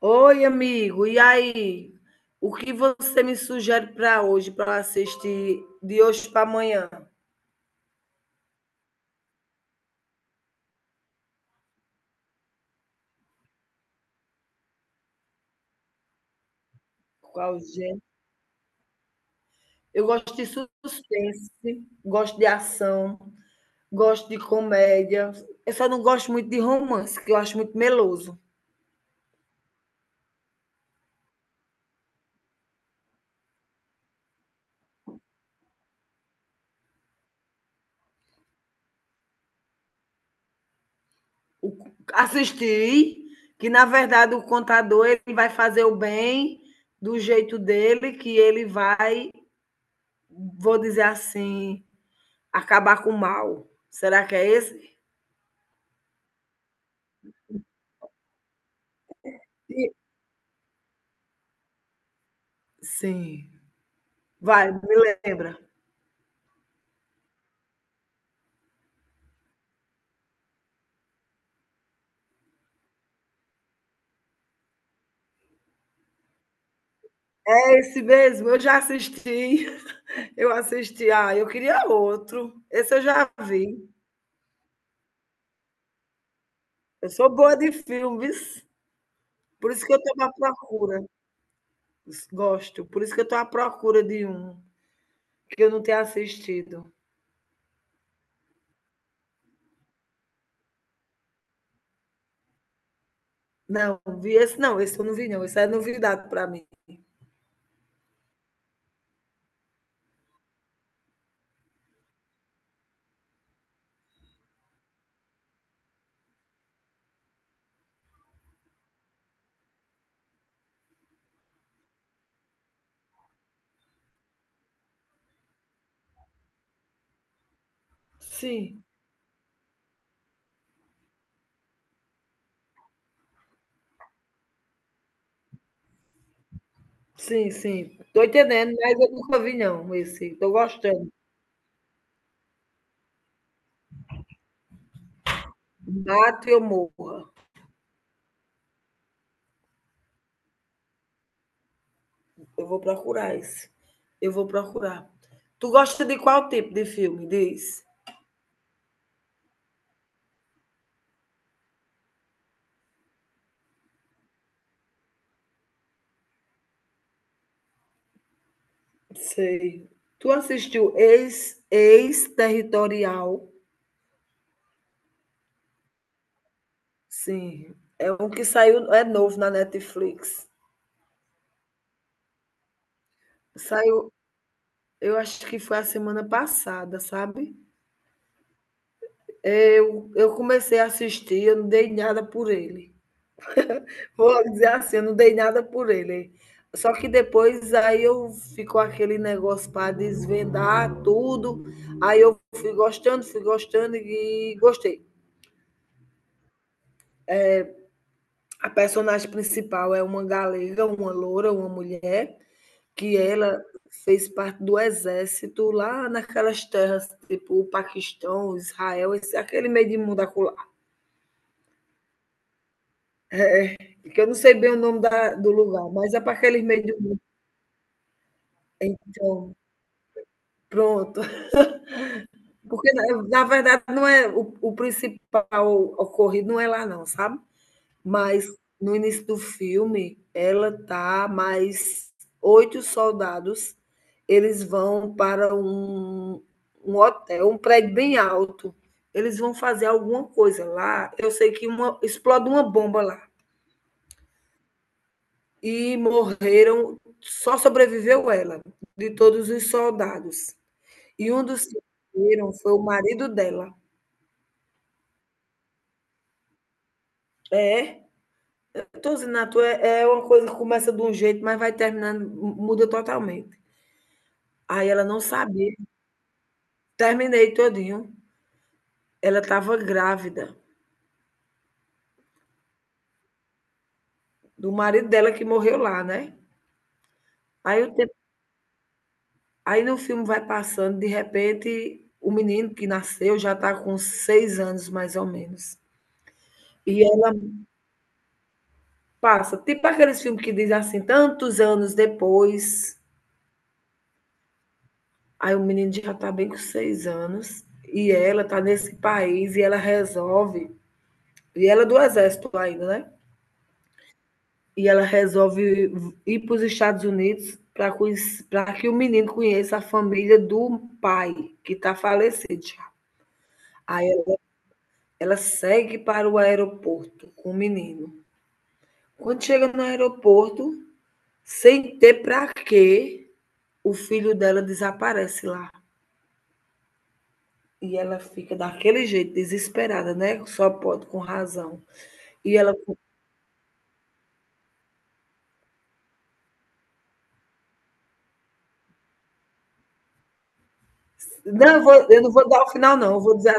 Oi, amigo. E aí? O que você me sugere para hoje, para assistir de hoje para amanhã? Qual gênero? Eu gosto de suspense, gosto de ação, gosto de comédia. Eu só não gosto muito de romance, que eu acho muito meloso. O- Assistir, que na verdade o contador ele vai fazer o bem do jeito dele, que ele vai, vou dizer assim, acabar com o mal. Será que é esse? Sim. Vai, me lembra. É esse mesmo, eu já assisti. Eu assisti. Ah, eu queria outro. Esse eu já vi. Eu sou boa de filmes, por isso que eu estou à procura. Gosto, por isso que eu estou à procura de um que eu não tenha assistido. Não, vi esse não, esse eu não vi não, esse é novidade para mim. Sim, sim, sim. Tô entendendo, mas eu nunca vi não esse. Tô gostando. Mato e eu morro. Eu vou procurar esse. Eu vou procurar. Tu gosta de qual tipo de filme, diz? Sei. Tu assistiu Ex-Territorial? Sim. É um que saiu, é novo na Netflix. Saiu, eu acho que foi a semana passada, sabe? Eu comecei a assistir, eu não dei nada por ele. Vou dizer assim, eu não dei nada por ele. Só que depois aí eu ficou aquele negócio para desvendar tudo. Aí eu fui gostando e gostei. A personagem principal é uma galega, uma loura, uma mulher, que ela fez parte do exército lá naquelas terras, tipo o Paquistão, Israel, esse, aquele meio de mundo acolá. Porque eu não sei bem o nome do lugar, mas é para aquele meio de mundo. Então, pronto. Porque, na verdade, não é o principal ocorrido não é lá, não, sabe? Mas no início do filme, ela tá mais oito soldados, eles vão para um hotel, um prédio bem alto. Eles vão fazer alguma coisa lá. Eu sei que explode uma bomba lá. E morreram, só sobreviveu ela, de todos os soldados. E um dos que morreram foi o marido dela. É. Tô zinato é uma coisa que começa de um jeito, mas vai terminando, muda totalmente. Aí ela não sabia. Terminei todinho. Ela estava grávida do marido dela que morreu lá, né? Aí, o tempo, aí no filme vai passando, de repente, o menino que nasceu já está com seis anos, mais ou menos. E ela passa, tipo aqueles filmes que diz assim, tantos anos depois, aí o menino já está bem com seis anos, e ela está nesse país, e ela resolve. E ela é do exército ainda, né? E ela resolve ir para os Estados Unidos para que o menino conheça a família do pai, que está falecido já. Aí ela segue para o aeroporto com o menino. Quando chega no aeroporto, sem ter para quê, o filho dela desaparece lá. E ela fica daquele jeito, desesperada, né? Só pode, com razão. E ela. Não, eu não vou dar o final, não. Eu vou dizer.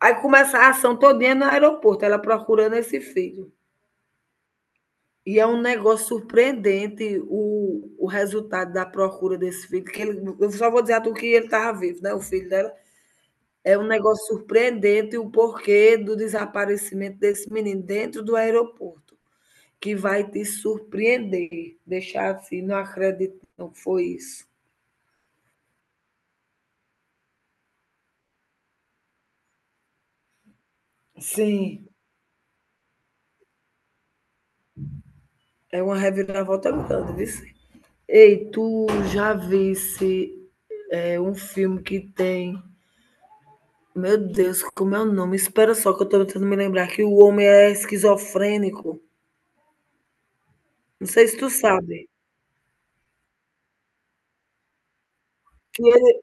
Aí começa a ação todinha no aeroporto, ela procurando esse filho. E é um negócio surpreendente o resultado da procura desse filho. Eu só vou dizer a tu que ele estava vivo, né? O filho dela. É um negócio surpreendente o porquê do desaparecimento desse menino dentro do aeroporto, que vai te surpreender, deixar assim, não acredito, não foi isso. Sim, é uma reviravolta grande, viu? Ei, tu já visse um filme que tem. Meu Deus, como é o nome? Espera só que eu tô tentando me lembrar que o homem é esquizofrênico. Não sei se tu sabe. Que ele,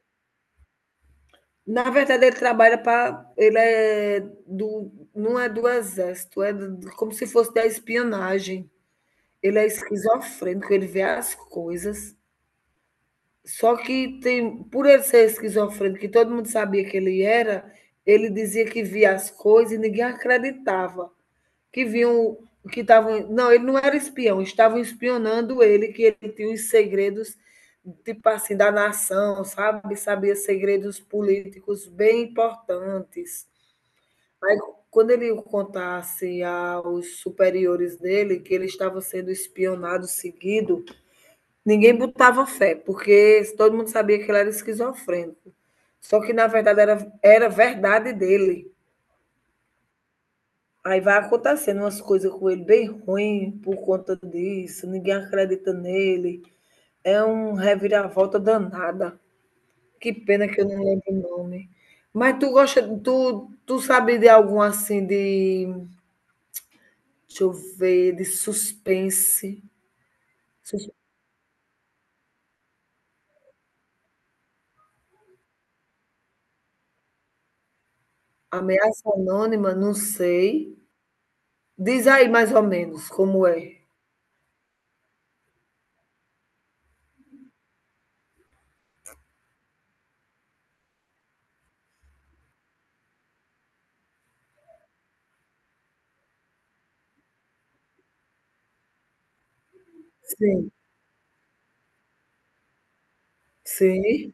na verdade, ele trabalha para. Ele é do. Não é do exército, é como se fosse da espionagem. Ele é esquizofrênico, ele vê as coisas. Só que tem, por ele ser esquizofrênico, que todo mundo sabia que ele era, ele dizia que via as coisas e ninguém acreditava. Que vinham, que estavam. Não, ele não era espião, estavam espionando ele, que ele tinha os segredos, tipo assim, da nação, sabe? Sabia segredos políticos bem importantes. Aí, quando ele contasse aos superiores dele que ele estava sendo espionado, seguido, ninguém botava fé, porque todo mundo sabia que ele era esquizofrênico. Só que, na verdade, era verdade dele. Aí vai acontecendo umas coisas com ele bem ruim por conta disso, ninguém acredita nele. É um reviravolta danada. Que pena que eu não lembro o nome. Mas tu gosta, tu sabe de algum assim de, deixa eu ver, de suspense. Sus- Ameaça anônima, não sei. Diz aí mais ou menos como é. Sim, sim,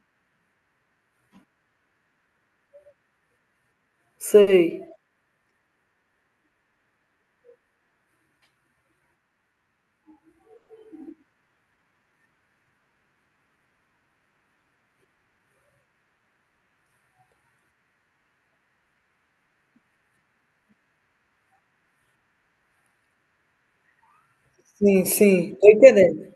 sei. Sim, sim, tô entendendo.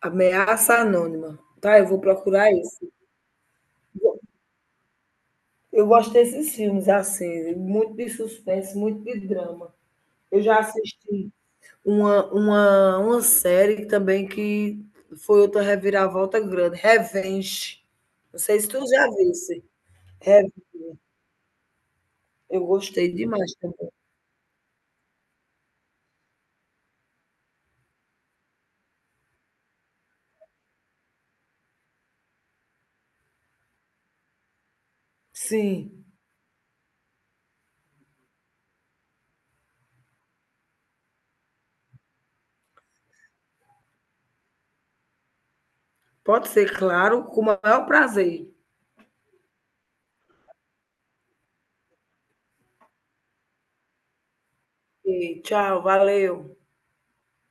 Ameaça anônima. Tá, eu vou procurar isso. Eu gosto desses filmes assim, muito de suspense, muito de drama. Eu já assisti uma série também que foi outra reviravolta grande, Revenge. Não sei se tu já visse. É, eu gostei demais também. Sim, pode ser, claro, com o maior prazer. E tchau, valeu.